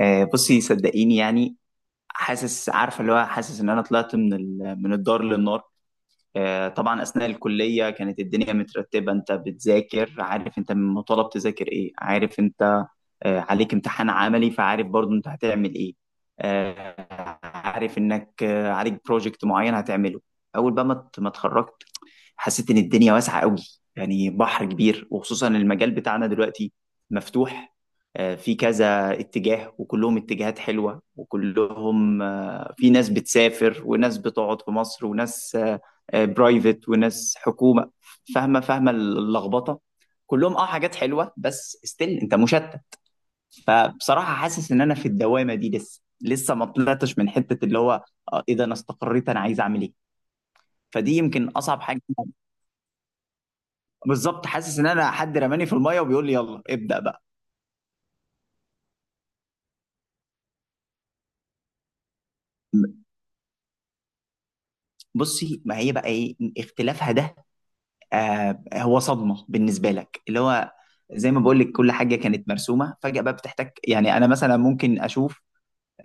بصي صدقيني يعني. حاسس، عارفه اللي هو، حاسس ان انا طلعت من الدار للنار. طبعا اثناء الكليه كانت الدنيا مترتبه، انت بتذاكر، عارف انت مطالب تذاكر ايه، عارف انت. عليك امتحان عملي، فعارف برضو انت هتعمل ايه. عارف انك، عليك بروجكت معين هتعمله. اول بقى ما اتخرجت، حسيت ان الدنيا واسعه قوي، يعني بحر كبير. وخصوصا المجال بتاعنا دلوقتي مفتوح. في كذا اتجاه وكلهم اتجاهات حلوه، وكلهم في ناس بتسافر وناس بتقعد في مصر، وناس برايفت وناس حكومه. فاهمه، فاهمه اللخبطه. كلهم حاجات حلوه، بس ستيل انت مشتت. فبصراحه حاسس ان انا في الدوامه دي، لسه لسه ما طلعتش من حته اللي هو اذا انا استقريت انا عايز اعمل ايه. فدي يمكن اصعب حاجه. بالظبط، حاسس ان انا حد رماني في الميه وبيقول لي يلا ابدا بقى. بصي، ما هي بقى ايه اختلافها ده؟ هو صدمه بالنسبه لك اللي هو، زي ما بقول لك، كل حاجه كانت مرسومه. فجاه بقى بتحتاج، يعني انا مثلا ممكن اشوف،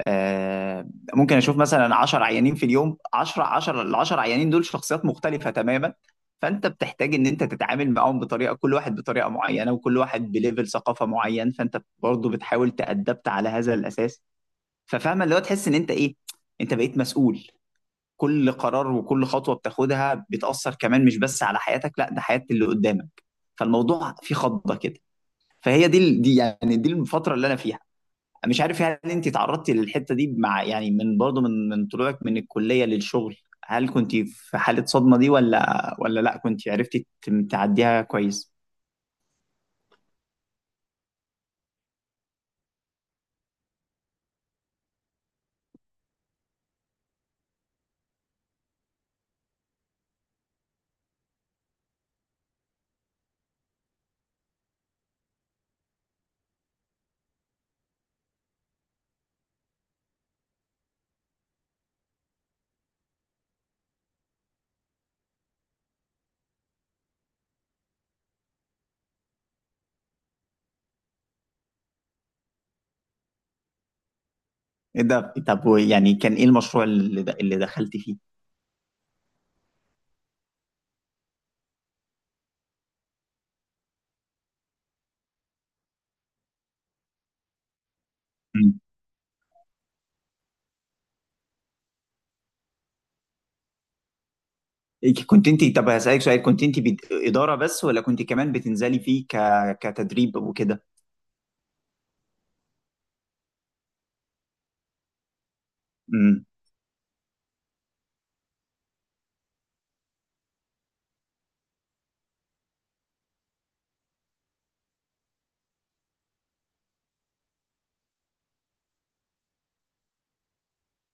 آه ممكن اشوف مثلا 10 عيانين في اليوم. 10 10 ال 10 عيانين دول شخصيات مختلفه تماما. فانت بتحتاج ان انت تتعامل معاهم بطريقه، كل واحد بطريقه معينه، وكل واحد بليفل ثقافه معين. فانت برضه بتحاول تأدبت على هذا الاساس. ففاهمه اللي هو، تحس ان انت ايه، انت بقيت مسؤول. كل قرار وكل خطوه بتاخدها بتاثر كمان، مش بس على حياتك، لا ده حياه اللي قدامك. فالموضوع فيه خضه كده. فهي دي دي الفتره اللي انا فيها. مش عارف، هل انت تعرضتي للحته دي مع يعني من برضه من من طلوعك من الكليه للشغل، هل كنت في حاله صدمه دي، ولا ولا لا كنت عرفتي تعديها كويس؟ ايه ده؟ طب يعني كان ايه المشروع اللي دخلتي فيه؟ إيه، كنت انت، طب هسألك سؤال. كنت انت إدارة بس، ولا كنت كمان بتنزلي فيه كتدريب وكده؟ امم.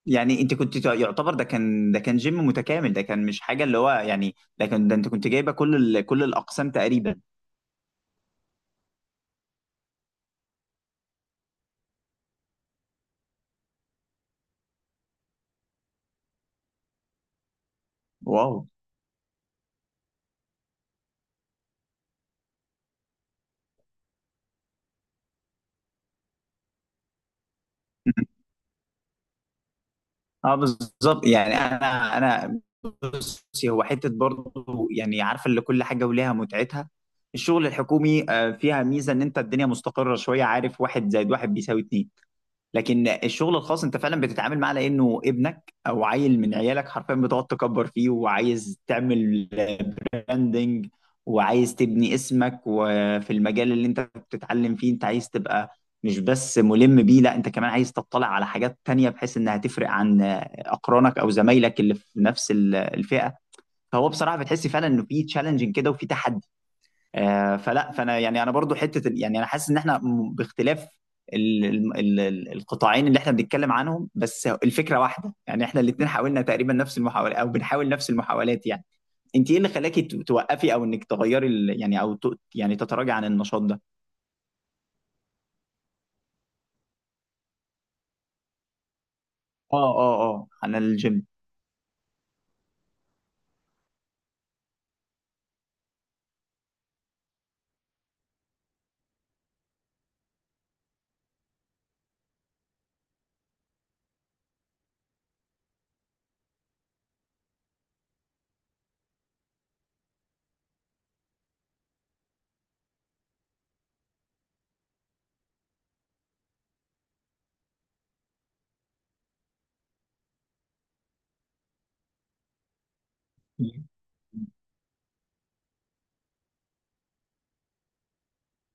يعني انت كنت يعتبر ده كان جيم متكامل، ده كان مش حاجة اللي هو، يعني ده كان انت كنت جايبة كل الأقسام تقريبا. واو. مم. اه بالظبط، يعني انا بصي، هو حتة برضه يعني، عارفة اللي كل حاجة وليها متعتها. الشغل الحكومي فيها ميزة ان انت الدنيا مستقرة شوية، عارف، واحد زائد واحد بيساوي اتنين. لكن الشغل الخاص، انت فعلا بتتعامل معاه لانه ابنك او عيل من عيالك حرفيا، بتقعد تكبر فيه، وعايز تعمل براندنج، وعايز تبني اسمك. وفي المجال اللي انت بتتعلم فيه، انت عايز تبقى مش بس ملم بيه، لا انت كمان عايز تطلع على حاجات تانية، بحيث انها تفرق عن اقرانك او زمايلك اللي في نفس الفئة. فهو بصراحة بتحس فعلا انه في تشالنجنج كده، وفي تحدي. آه، فلا فانا يعني انا برضو حته يعني انا حاسس ان احنا باختلاف القطاعين اللي احنا بنتكلم عنهم، بس الفكره واحده. يعني احنا الاثنين حاولنا تقريبا نفس المحاولات، او بنحاول نفس المحاولات يعني. انت ايه اللي خلاكي توقفي، او انك تغيري ال- يعني او ت- يعني تتراجعي عن النشاط ده؟ اه اه اه، عن الجيم.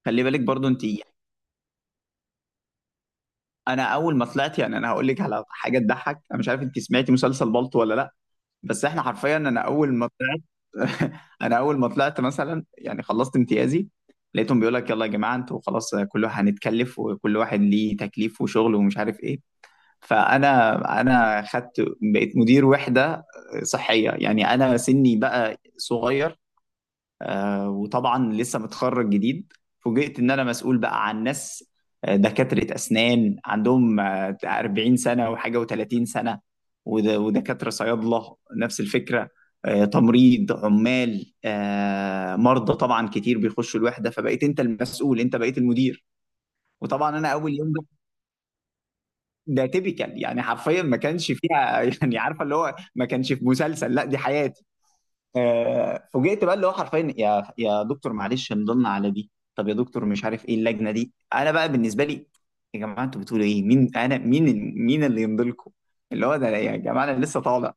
خلي بالك برضو انت، انا اول ما طلعت، يعني انا هقول لك على حاجه تضحك. انا مش عارف انت سمعتي مسلسل بالطو ولا لا. بس احنا حرفيا، انا اول ما طلعت. انا اول ما طلعت مثلا، يعني خلصت امتيازي. لقيتهم بيقول لك، يلا يا جماعه انتوا خلاص، كل واحد هنتكلف، وكل واحد ليه تكليف وشغل ومش عارف ايه. فانا خدت. بقيت مدير وحده صحيه، يعني انا سني بقى صغير، وطبعا لسه متخرج جديد. فوجئت ان انا مسؤول بقى عن ناس، دكاترة اسنان عندهم 40 سنة وحاجة و30 سنة، ودكاترة صيادلة نفس الفكرة، تمريض، عمال، مرضى طبعا كتير بيخشوا الوحدة. فبقيت انت المسؤول، انت بقيت المدير. وطبعا انا اول يوم ده، ده تيبيكال يعني، حرفيا ما كانش فيها. يعني عارفه اللي هو، ما كانش في مسلسل، لا دي حياتي. فوجئت بقى، اللي هو حرفيا، يا دكتور معلش نضلنا على دي، طب يا دكتور مش عارف ايه اللجنه دي، انا بقى بالنسبه لي، يا جماعه انتوا بتقولوا ايه، مين انا، مين؟ مين اللي يمضلكم؟ اللي هو ده، يا جماعه انا لسه طالع.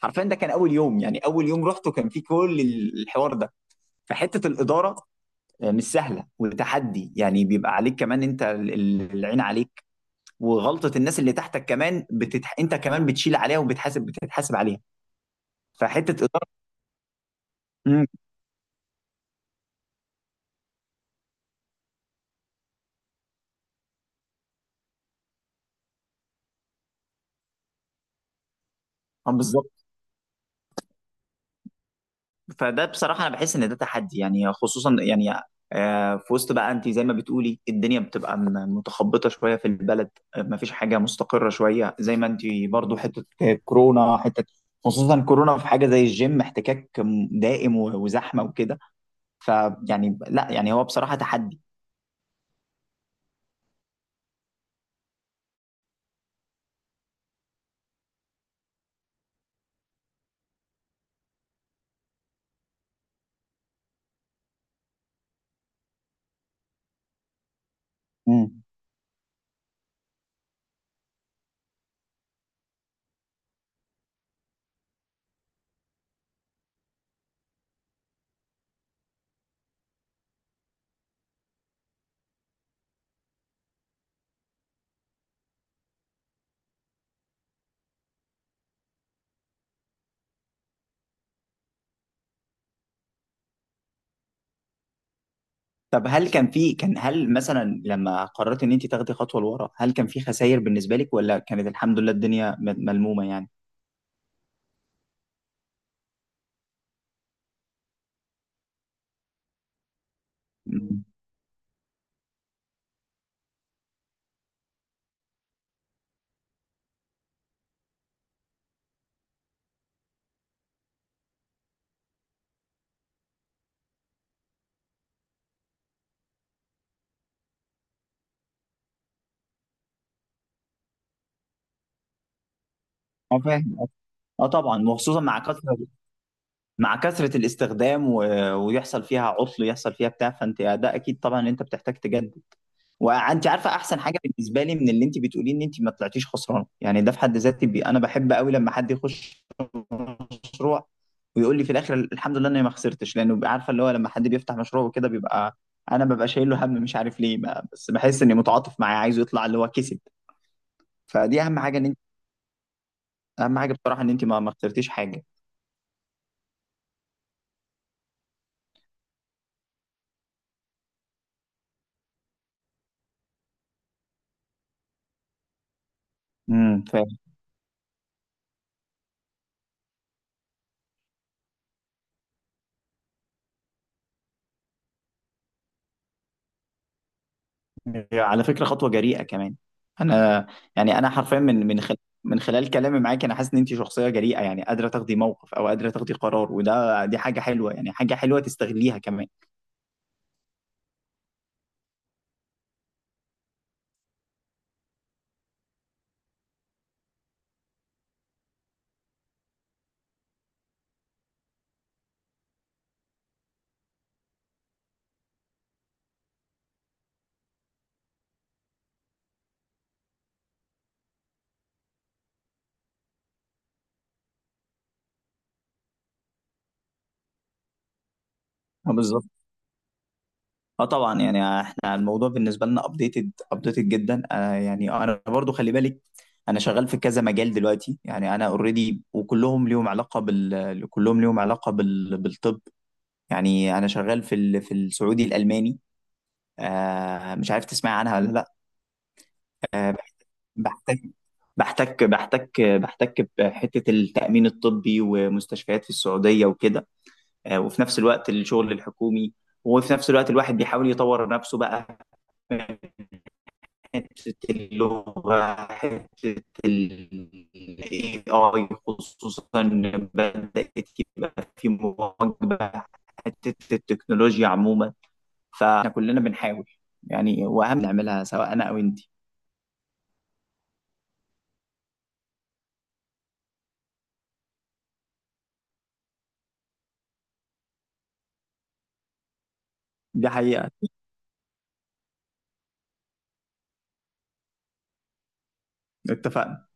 حرفيا ده كان اول يوم، يعني اول يوم رحته كان فيه كل الحوار ده. فحته الاداره مش سهله وتحدي، يعني بيبقى عليك كمان انت، العين عليك وغلطه الناس اللي تحتك كمان انت كمان بتشيل عليها، بتتحاسب عليها. فحته اداره. امم. بالظبط. فده بصراحة أنا بحس إن ده تحدي، يعني خصوصا يعني في وسط بقى، أنت زي ما بتقولي الدنيا بتبقى متخبطة شوية في البلد، مفيش حاجة مستقرة شوية، زي ما أنت برضو، حتة كورونا حتة، خصوصا كورونا، في حاجة زي الجيم احتكاك دائم وزحمة وكده. فيعني لا، يعني هو بصراحة تحدي. مم. طب هل كان في كان هل مثلا لما قررت إن أنت تاخدي خطوة لورا، هل كان في خسائر بالنسبة لك، ولا كانت الحمد لله الدنيا ملمومة يعني؟ مم. أه فاهم. اه طبعا، وخصوصا مع كثره الاستخدام ويحصل فيها عطل، يحصل فيها بتاع. فانت ده اكيد طبعا ان انت بتحتاج تجدد. وانت عارفه، احسن حاجه بالنسبه لي من اللي انت بتقوليه، ان انت ما طلعتيش خسرانه. يعني ده في حد ذاتي انا بحب قوي لما حد يخش مشروع، ويقول لي في الاخر الحمد لله اني ما خسرتش. لانه بيبقى عارفه اللي هو، لما حد بيفتح مشروع وكده، بيبقى انا ببقى شايل له هم، مش عارف ليه ما... بس بحس اني متعاطف معاه، عايزه يطلع اللي هو كسب. فدي اهم حاجه ان انت اهم حاجه بصراحه ان انت ما خسرتيش حاجه. امم. على فكرة خطوة جريئة كمان. انا، يعني انا حرفيا من خلال، من خلال كلامي معاك، انا حاسس ان انت شخصية جريئة، يعني قادرة تاخدي موقف او قادرة تاخدي قرار. وده دي حاجة حلوة، يعني حاجة حلوة تستغليها كمان. اه بالظبط. اه طبعا، يعني احنا الموضوع بالنسبة لنا ابديتد ابديتد جدا. يعني انا برضو خلي بالك، انا شغال في كذا مجال دلوقتي، يعني انا اوريدي، وكلهم ليهم علاقة بال كلهم ليهم علاقة بالطب. يعني انا شغال في السعودي الالماني، مش عارف تسمعي عنها ولا لا. آه، بحتك بحتك بحتك بحتك بحتة التأمين الطبي ومستشفيات في السعودية وكده. وفي نفس الوقت الشغل الحكومي، وفي نفس الوقت الواحد بيحاول يطور نفسه بقى، من حتة اللغة، حتة ال AI خصوصا، بدأت يبقى في مواكبة حتة التكنولوجيا عموما. فاحنا كلنا بنحاول، يعني وأهم نعملها، سواء أنا أو أنت. دي حقيقة. اتفقنا.